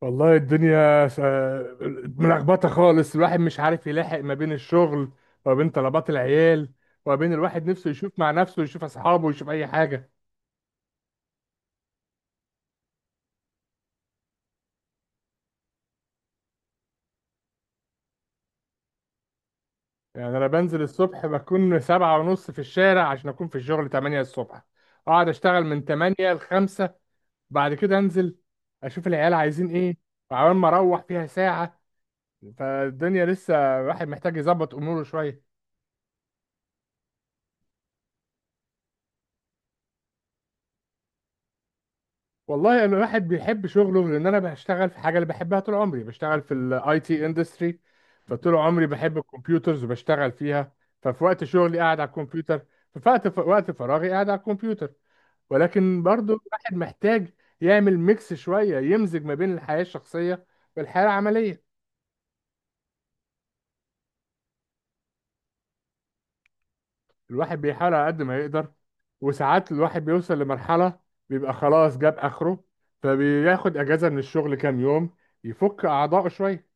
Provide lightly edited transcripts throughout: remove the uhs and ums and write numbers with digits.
والله الدنيا ملخبطة خالص. الواحد مش عارف يلاحق ما بين الشغل، وما بين طلبات العيال، وما بين الواحد نفسه يشوف مع نفسه ويشوف أصحابه ويشوف أي حاجة. يعني أنا بنزل الصبح بكون سبعة ونص في الشارع عشان أكون في الشغل تمانية الصبح. أقعد أشتغل من تمانية لخمسة. بعد كده أنزل أشوف العيال عايزين إيه، وعمال ما أروح فيها ساعة. فالدنيا لسه الواحد محتاج يظبط أموره شوية. والله انا الواحد بيحب شغله، لان انا بشتغل في حاجه اللي بحبها. طول عمري بشتغل في الاي تي اندستري. فطول عمري بحب الكمبيوترز وبشتغل فيها. ففي وقت شغلي قاعد على الكمبيوتر. ففي وقت فراغي قاعد على الكمبيوتر. ولكن برضو الواحد محتاج يعمل ميكس شويه، يمزج ما بين الحياه الشخصيه والحياه العمليه. الواحد بيحاول على قد ما يقدر، وساعات الواحد بيوصل لمرحله بيبقى خلاص جاب اخره، فبياخد اجازه من الشغل كام يوم يفك اعضائه شويه.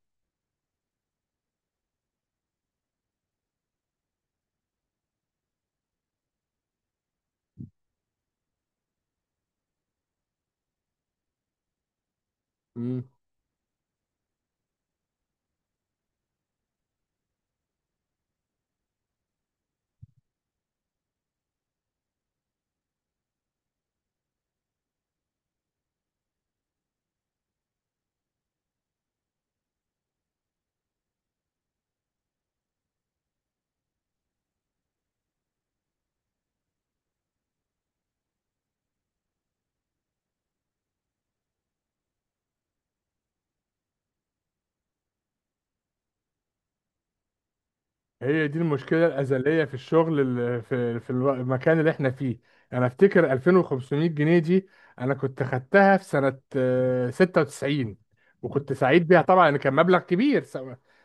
هي دي المشكلة الأزلية في الشغل المكان اللي احنا فيه. أنا أفتكر 2500 جنيه دي. أنا كنت خدتها في سنة 96. وكنت سعيد بيها طبعا إن كان مبلغ كبير.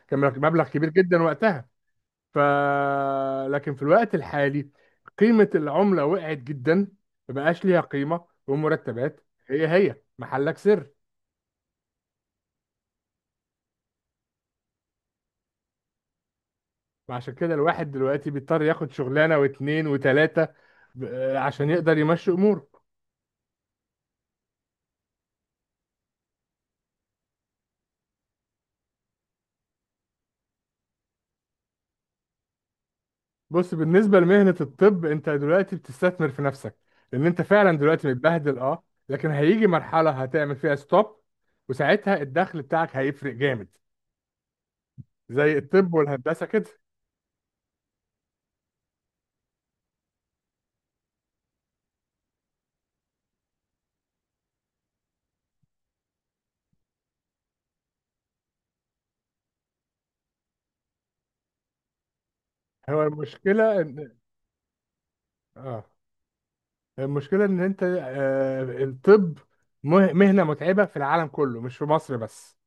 كان مبلغ كبير جدا وقتها. ف لكن في الوقت الحالي قيمة العملة وقعت جدا، مبقاش ليها قيمة. والمرتبات هي هي محلك سر. وعشان كده الواحد دلوقتي بيضطر ياخد شغلانة واتنين وتلاتة، عشان يقدر يمشي أموره. بص، بالنسبة لمهنة الطب انت دلوقتي بتستثمر في نفسك، لان انت فعلا دلوقتي متبهدل، اه. لكن هيجي مرحلة هتعمل فيها ستوب، وساعتها الدخل بتاعك هيفرق جامد زي الطب والهندسة كده. هو المشكلة ان اه المشكلة ان انت الطب مهنة متعبة في العالم كله، مش في مصر بس.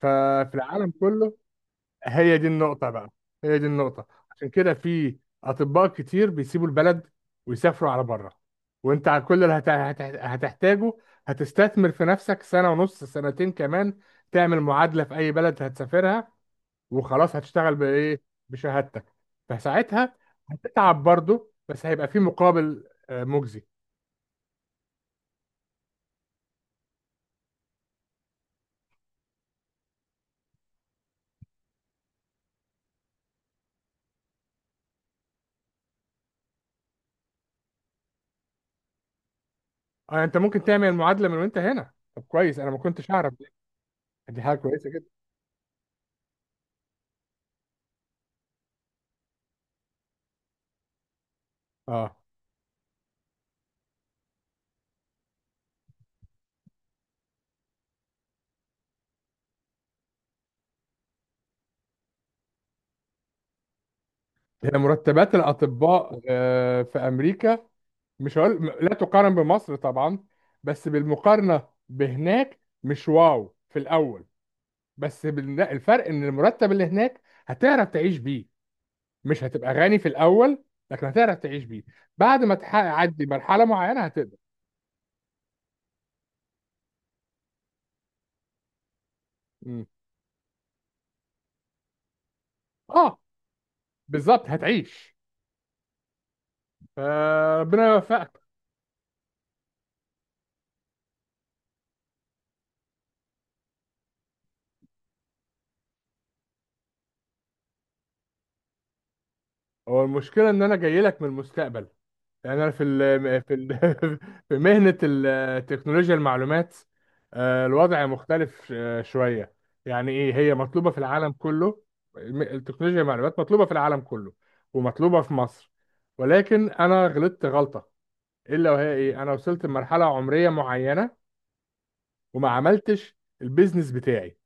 ففي العالم كله، هي دي النقطة بقى. هي دي النقطة عشان كده في أطباء كتير بيسيبوا البلد ويسافروا على بره. وأنت على كل اللي هتحتاجه. هتستثمر في نفسك سنة ونص، سنتين كمان، تعمل معادلة في أي بلد هتسافرها، وخلاص هتشتغل بإيه؟ بشهادتك. فساعتها هتتعب برضه، بس هيبقى في مقابل مجزي. أنت ممكن تعمل معادلة من وأنت هنا. طب كويس، أنا ما كنتش أعرف دي. دي حاجة كويسة جدا. أه. هي مرتبات الأطباء في أمريكا، مش هقول لا تقارن بمصر طبعا. بس بالمقارنة بهناك مش واو في الأول. لا، الفرق إن المرتب اللي هناك هتعرف تعيش بيه. مش هتبقى غني في الأول، لكن هتعرف تعيش بيه. بعد ما تعدي مرحلة معينة هتقدر. مم. اه بالظبط، هتعيش. فربنا يوفقك. هو المشكلة إن أنا جاي لك من المستقبل. يعني انا في ال في ال في مهنة تكنولوجيا المعلومات. الوضع مختلف شوية. يعني ايه، هي مطلوبة في العالم كله. التكنولوجيا المعلومات مطلوبة في العالم كله، ومطلوبة في مصر. ولكن انا غلطت غلطة، الا وهي ايه؟ انا وصلت لمرحلة عمرية معينة وما عملتش البيزنس بتاعي.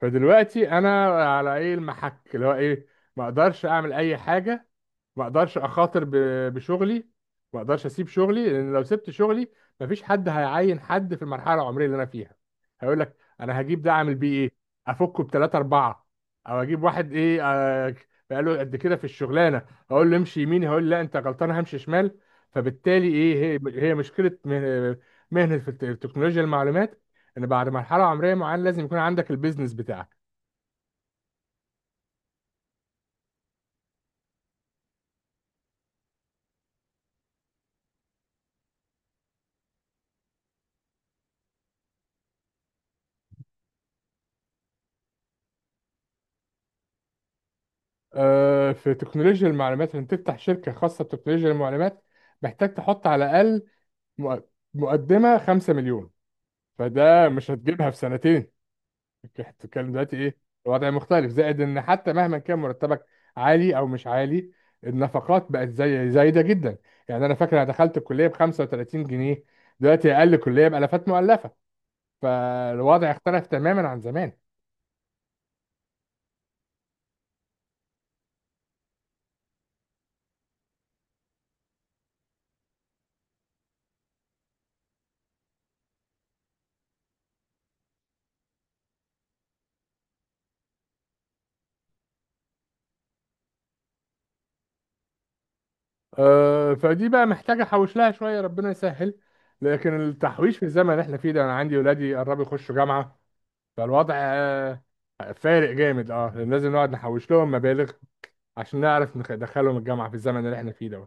فدلوقتي انا على ايه المحك؟ اللي هو ايه؟ ما اقدرش اعمل اي حاجه. ما اقدرش اخاطر بشغلي. ما اقدرش اسيب شغلي، لان لو سبت شغلي مفيش حد هيعين حد في المرحله العمريه اللي انا فيها. هيقول لك انا هجيب ده اعمل بيه ايه؟ افكه بثلاثه اربعه؟ او اجيب واحد ايه، بقى له قد كده في الشغلانه، اقول له امشي يمين هيقول لي لا انت غلطان همشي شمال. فبالتالي ايه؟ هي هي مشكله مهنه في التكنولوجيا المعلومات، ان بعد مرحله عمريه معينه لازم يكون عندك البيزنس بتاعك. في تكنولوجيا المعلومات، ان تفتح شركه خاصه بتكنولوجيا المعلومات محتاج تحط على الاقل مق- مقدمه 5 مليون، فده مش هتجيبها في سنتين. إنت بتتكلم دلوقتي ايه؟ الوضع مختلف، زائد ان حتى مهما كان مرتبك عالي او مش عالي، النفقات بقت زي زايده جدا. يعني انا فاكر انا دخلت الكليه ب 35 جنيه. دلوقتي اقل كليه بالافات مؤلفه. فالوضع اختلف تماما عن زمان. فدي بقى محتاجة أحوش لها شوية، ربنا يسهل. لكن التحويش في الزمن اللي احنا فيه ده، أنا عندي ولادي قربوا يخشوا جامعة. فالوضع فارق جامد، اه، لأن لازم نقعد نحوش لهم مبالغ عشان نعرف ندخلهم الجامعة في الزمن اللي احنا فيه ده.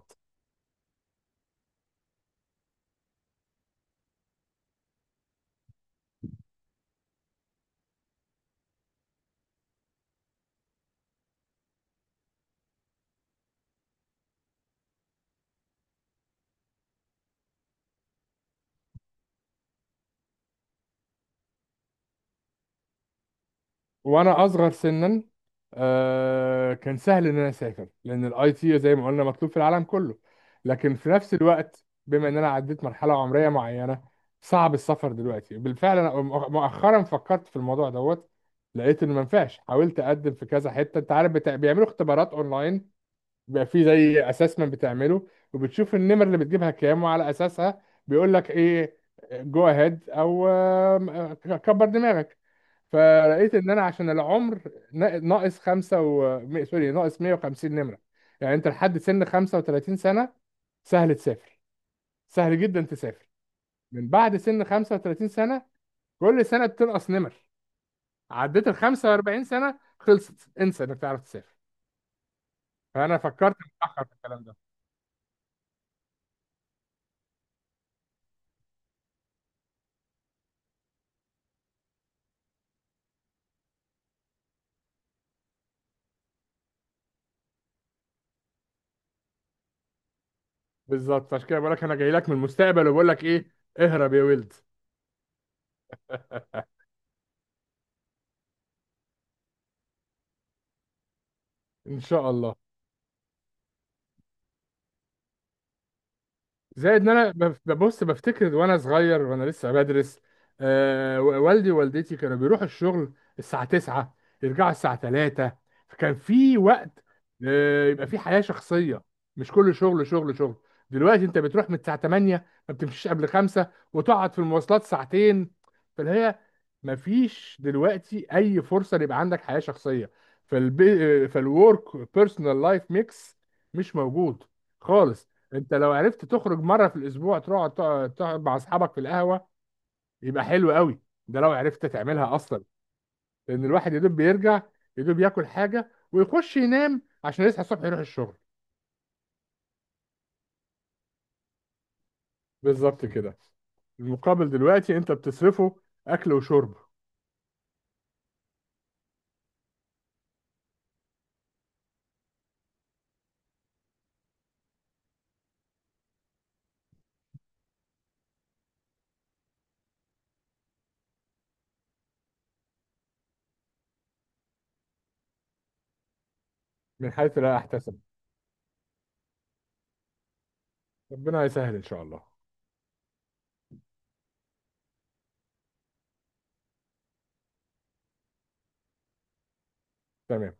وانا اصغر سنا كان سهل ان انا اسافر، لان الاي تي زي ما قلنا مطلوب في العالم كله. لكن في نفس الوقت بما ان انا عديت مرحله عمريه معينه، صعب السفر دلوقتي. بالفعل انا مؤخرا فكرت في الموضوع دوت. لقيت انه ما ينفعش. حاولت اقدم في كذا حته، انت عارف بيعملوا اختبارات اونلاين. بيبقى في زي اسسمنت بتعمله، وبتشوف النمر اللي بتجيبها كام، وعلى اساسها بيقول لك ايه، جو اهيد او آم، آه، كبر دماغك. فلقيت ان انا عشان العمر ناقص خمسة سوري، ناقص 150 نمرة. يعني انت لحد سن 35 سنة، سهل تسافر، سهل جدا تسافر. من بعد سن 35 سنة كل سنة بتنقص نمر. عديت ال 45 سنة خلصت، انسى انك تعرف تسافر. فانا فكرت متأخر في الكلام ده. بالظبط عشان كده بقول لك انا جاي لك من المستقبل، وبقول لك ايه؟ اهرب يا ولد. ان شاء الله. زائد ان انا ببص بفتكر وانا صغير وانا لسه بدرس. والدي ووالدتي كانوا بيروحوا الشغل الساعة 9، يرجعوا الساعة 3. فكان في وقت، يبقى في حياة شخصية، مش كل شغل شغل شغل. دلوقتي انت بتروح من الساعة 8، ما بتمشيش قبل 5، وتقعد في المواصلات ساعتين. فاللي هي، ما فيش دلوقتي اي فرصة يبقى عندك حياة شخصية. فالورك بيرسونال لايف ميكس مش موجود خالص. انت لو عرفت تخرج مره في الاسبوع تقعد تقعد تقعد مع اصحابك في القهوه، يبقى حلو قوي. ده لو عرفت تعملها اصلا. لان الواحد يا دوب بيرجع، يا دوب ياكل حاجه ويخش ينام عشان يصحى الصبح يروح الشغل. بالظبط كده. المقابل دلوقتي انت بتصرفه اكل وشرب. من حيث لا احتسب، ربنا يسهل ان شاء الله. تمام.